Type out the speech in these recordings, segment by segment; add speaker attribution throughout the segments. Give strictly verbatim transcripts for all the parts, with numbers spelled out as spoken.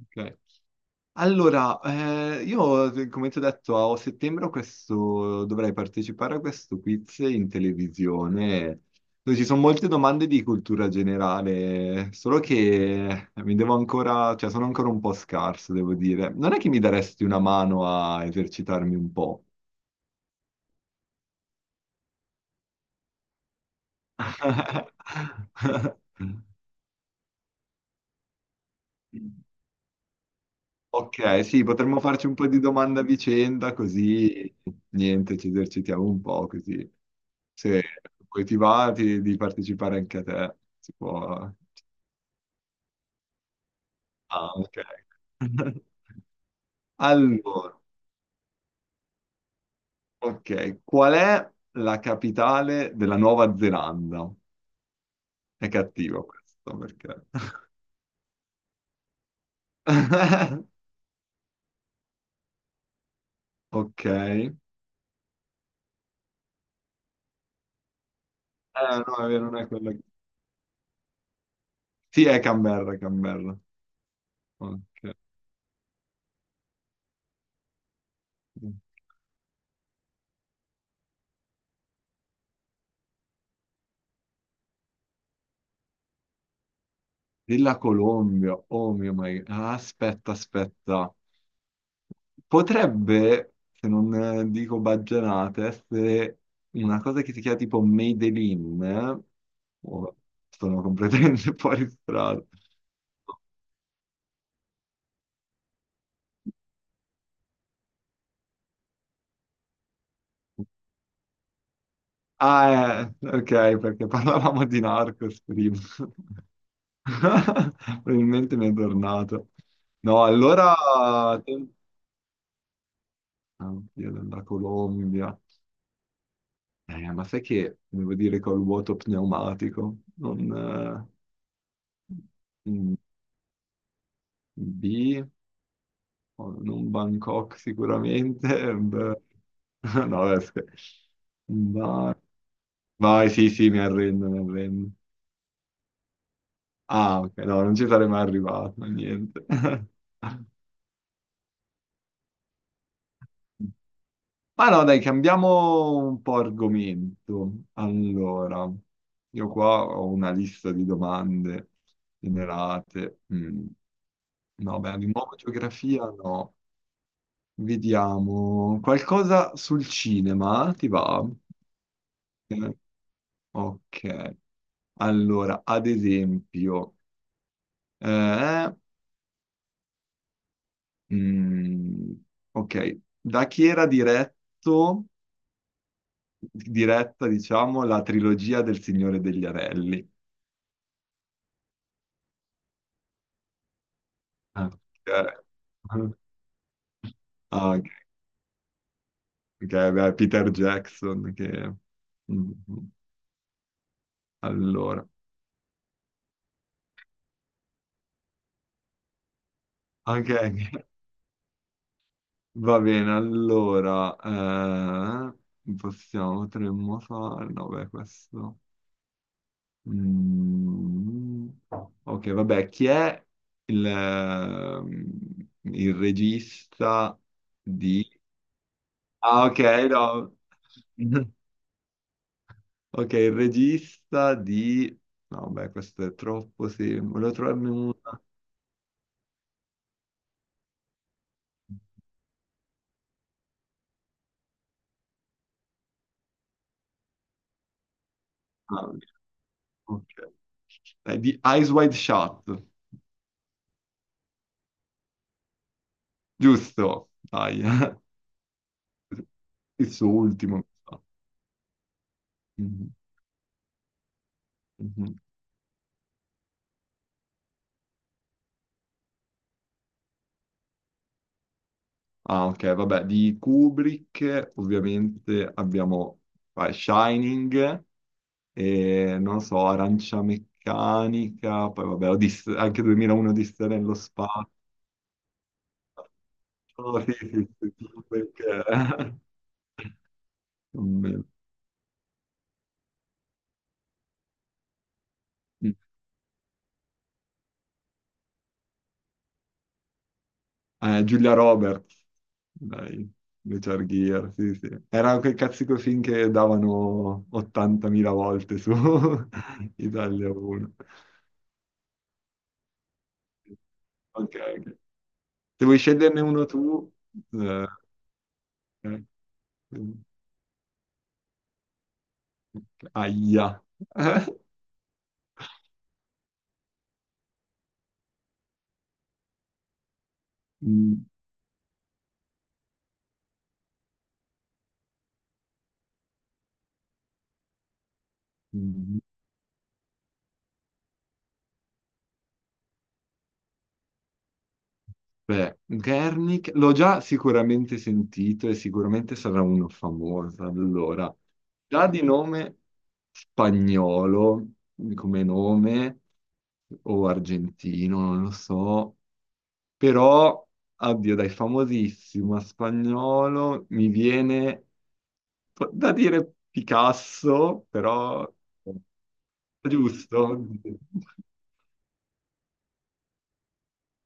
Speaker 1: Ok. Allora, eh, io eh, come ti ho detto, a settembre ho questo, dovrei partecipare a questo quiz in televisione, dove ci sono molte domande di cultura generale. Solo che mi devo ancora, cioè sono ancora un po' scarso, devo dire. Non è che mi daresti una mano a esercitarmi un po'? Ok, sì, potremmo farci un po' di domanda a vicenda, così niente, ci esercitiamo un po' così. Sì, poi ti va ti- di partecipare anche a te. Si può... Ah, ok. Allora, ok, qual è la capitale della Nuova Zelanda? È cattivo questo, perché... Ok. Eh, no, è vero, non è quella... Sì, è Canberra, è Canberra. Ok. Della Colombia, oh mio my... Ah, aspetta, aspetta. Potrebbe, se non eh, dico baggianate, essere una cosa che si chiama tipo Made in, eh? Oh, sono completamente fuori strada. Ah, eh, ok, perché parlavamo di Narcos prima. Probabilmente mi è tornato. No, allora... Oddio, della Colombia. Eh, ma sai che devo dire col vuoto pneumatico? Non... eh, mm, B... non Bangkok sicuramente. Beh. No, beh, scher- vai, vai, sì, sì, mi arrendo, mi arrendo. Ah, ok, no, non ci sarei mai arrivato, niente. Ma no, dai, cambiamo un po' argomento. Allora, io qua ho una lista di domande generate. Mm. No, beh, di nuovo geografia no. Vediamo qualcosa sul cinema, ti va? Eh, Ok. Allora, ad esempio, eh, mm, ok, da chi era diretto, diretta, diciamo, la trilogia del Signore degli Anelli? Ah. Ok. Ah. Ah, ok, ok, beh, Peter Jackson, che... Mhm. Allora, ok, va bene, allora, eh, possiamo, potremmo fare... No, beh, questo... Mm, ok, vabbè, chi è il, ehm, il regista di... Ah, ok, no. Ok, il regista di... No, beh, questo è troppo semplice. Volevo trovarne una. Ah, ok. Eh, di Eyes Wide Shut, giusto? Dai, il suo ultimo, mi sa. Mhm, mhm. Ah, ok, vabbè, di Kubrick eh, ovviamente abbiamo eh, Shining, e, non so, Arancia Meccanica, poi vabbè, Odisse- anche duemilauno Odissea nello spazio. Oh, sì, sì, sì, Kubrick, eh. Non me- Eh, Giulia Roberts, dai, Richard Gere, sì, sì. Era quel cazzico film che davano ottantamila volte su Italia uno. Ok, ok. Se vuoi sceglierne uno tu... eh, eh. Aia. Eh? Mm, mm, Beh, Gernik l'ho già sicuramente sentito e sicuramente sarà uno famoso. Allora, già di nome spagnolo, come nome, o argentino, non lo so, però, addio, dai, famosissimo a spagnolo mi viene po- da dire Picasso, però giusto.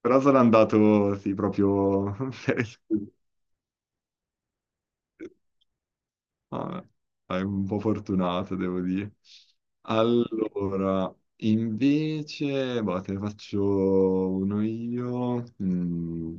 Speaker 1: Però sono andato, sì, proprio per... esclusione. Vabbè, dai, un po' fortunato, devo dire. Allora, invece, boh, te ne faccio uno io. Mm,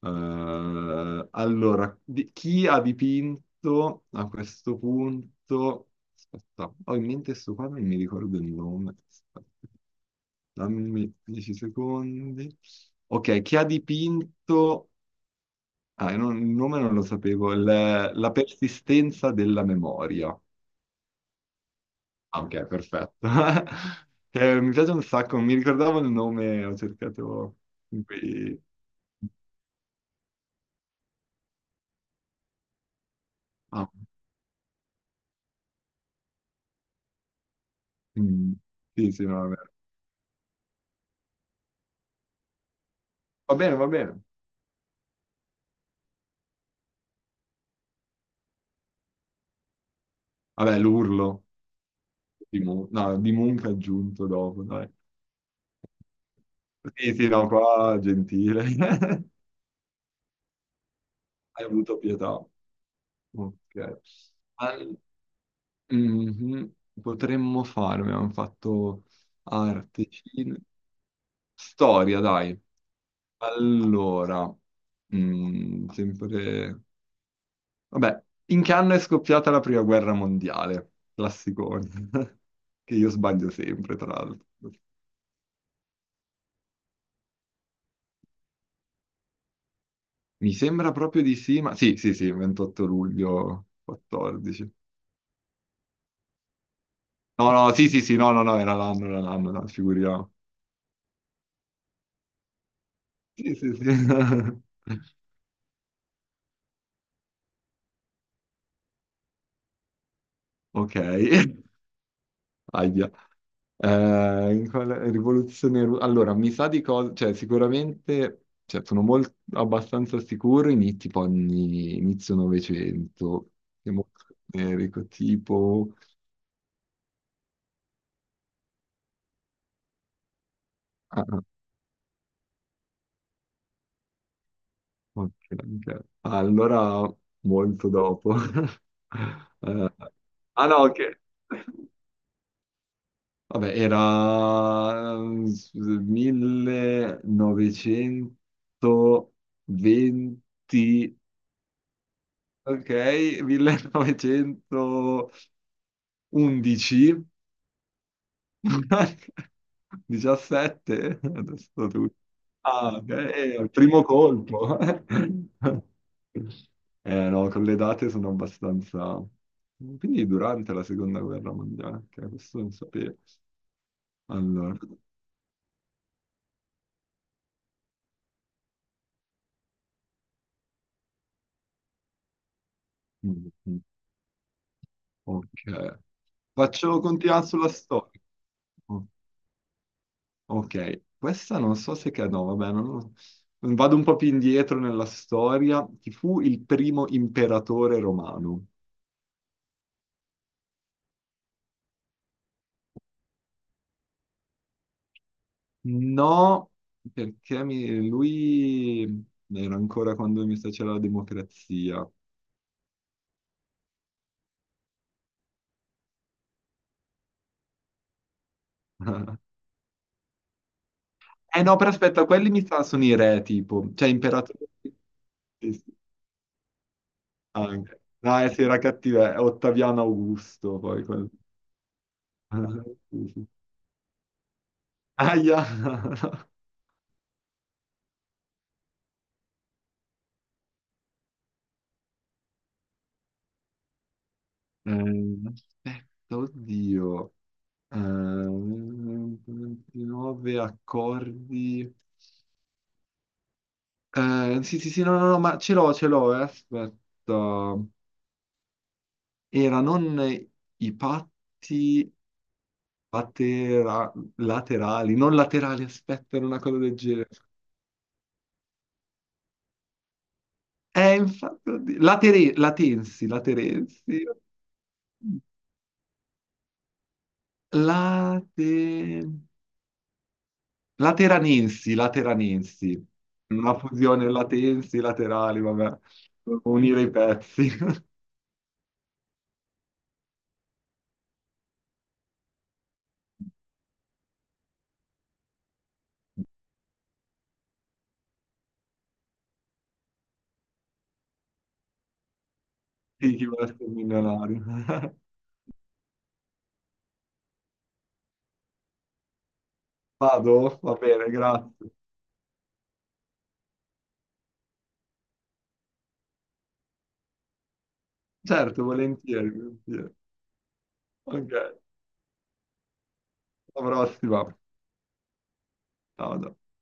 Speaker 1: eh, allora, di- chi ha dipinto a questo punto... Aspetta, ho in mente sto quadro, non mi ricordo il nome. Aspetta, dammi dieci secondi. Ok, chi ha dipinto, ah, io non- il nome non lo sapevo, il- la persistenza della memoria. Ah, ok, perfetto. Eh, mi piace un sacco, non mi ricordavo il nome, ho cercato in cui... Ah, mm, sì, sì, no, vabbè. Va bene, va bene. Vabbè, l'urlo di, Mu- no, di Munch aggiunto dopo, dai. Sì, sì, no, qua gentile. Hai avuto pietà. Ok. Mhm. Potremmo fare, abbiamo fatto arte, cinema, storia, dai. Allora, mm, sempre... Vabbè, in che anno è scoppiata la prima guerra mondiale? Classicone, che io sbaglio sempre, tra l'altro. Mi sembra proprio di sì, ma... Sì, sì, sì, ventotto luglio quattordici. No, no, sì, sì, sì, no, no, no, era l'anno, era l'anno, no, figuriamo. Sì, sì, sì. Ok. Ahia. Eh, in quale rivoluzione ru- allora, mi sa di cosa, cioè sicuramente, cioè, sono molto, abbastanza sicuro, ini- tipo anni, inizio Novecento, siamo generico, tipo... ah, ah, ok, ok. Ah, allora, molto dopo. Eh, ah no, ok. Vabbè, era eh, millenovecentoventi... Ok, millenovecentoundici, diciassette, adesso tu. Ah, ok, eh, il primo colpo. Eh no, con le date sono abbastanza... Quindi durante la seconda guerra mondiale, ok, questo non sapevo. Allora, mm, mm, ok. Faccio continuare sulla storia. Ok. Ok, questa non so se che... No, vabbè, non... non- vado un po' più indietro nella storia. Chi fu il primo imperatore romano? No, perché mi- lui era ancora quando mi sa c'era la democrazia. Eh no, però aspetta, quelli mi sa sono i re, tipo, cioè imperatori... Sì, sì, anche. No, eh, sì, era cattivo, eh, Ottaviano Augusto, poi quello. Sì, sì. Aia! Eh, aspetta, oddio. Ehm, ventinove accordi. Eh, sì, sì, sì, no, no, no, ma ce l'ho, ce l'ho, eh, aspetta. Era non i patti patera- laterali, non laterali, aspetta, era una cosa del genere. Eh, infatti, oddio, latere- latensi, laterensi, late- lateranensi, lateranensi. Una fusione latensi, laterali, vabbè, unire i pezzi. Sì, chi vuole essere milionario. Vado? Va bene, grazie. Certo, volentieri, volentieri. Ok, alla prossima. Ciao. Ciao.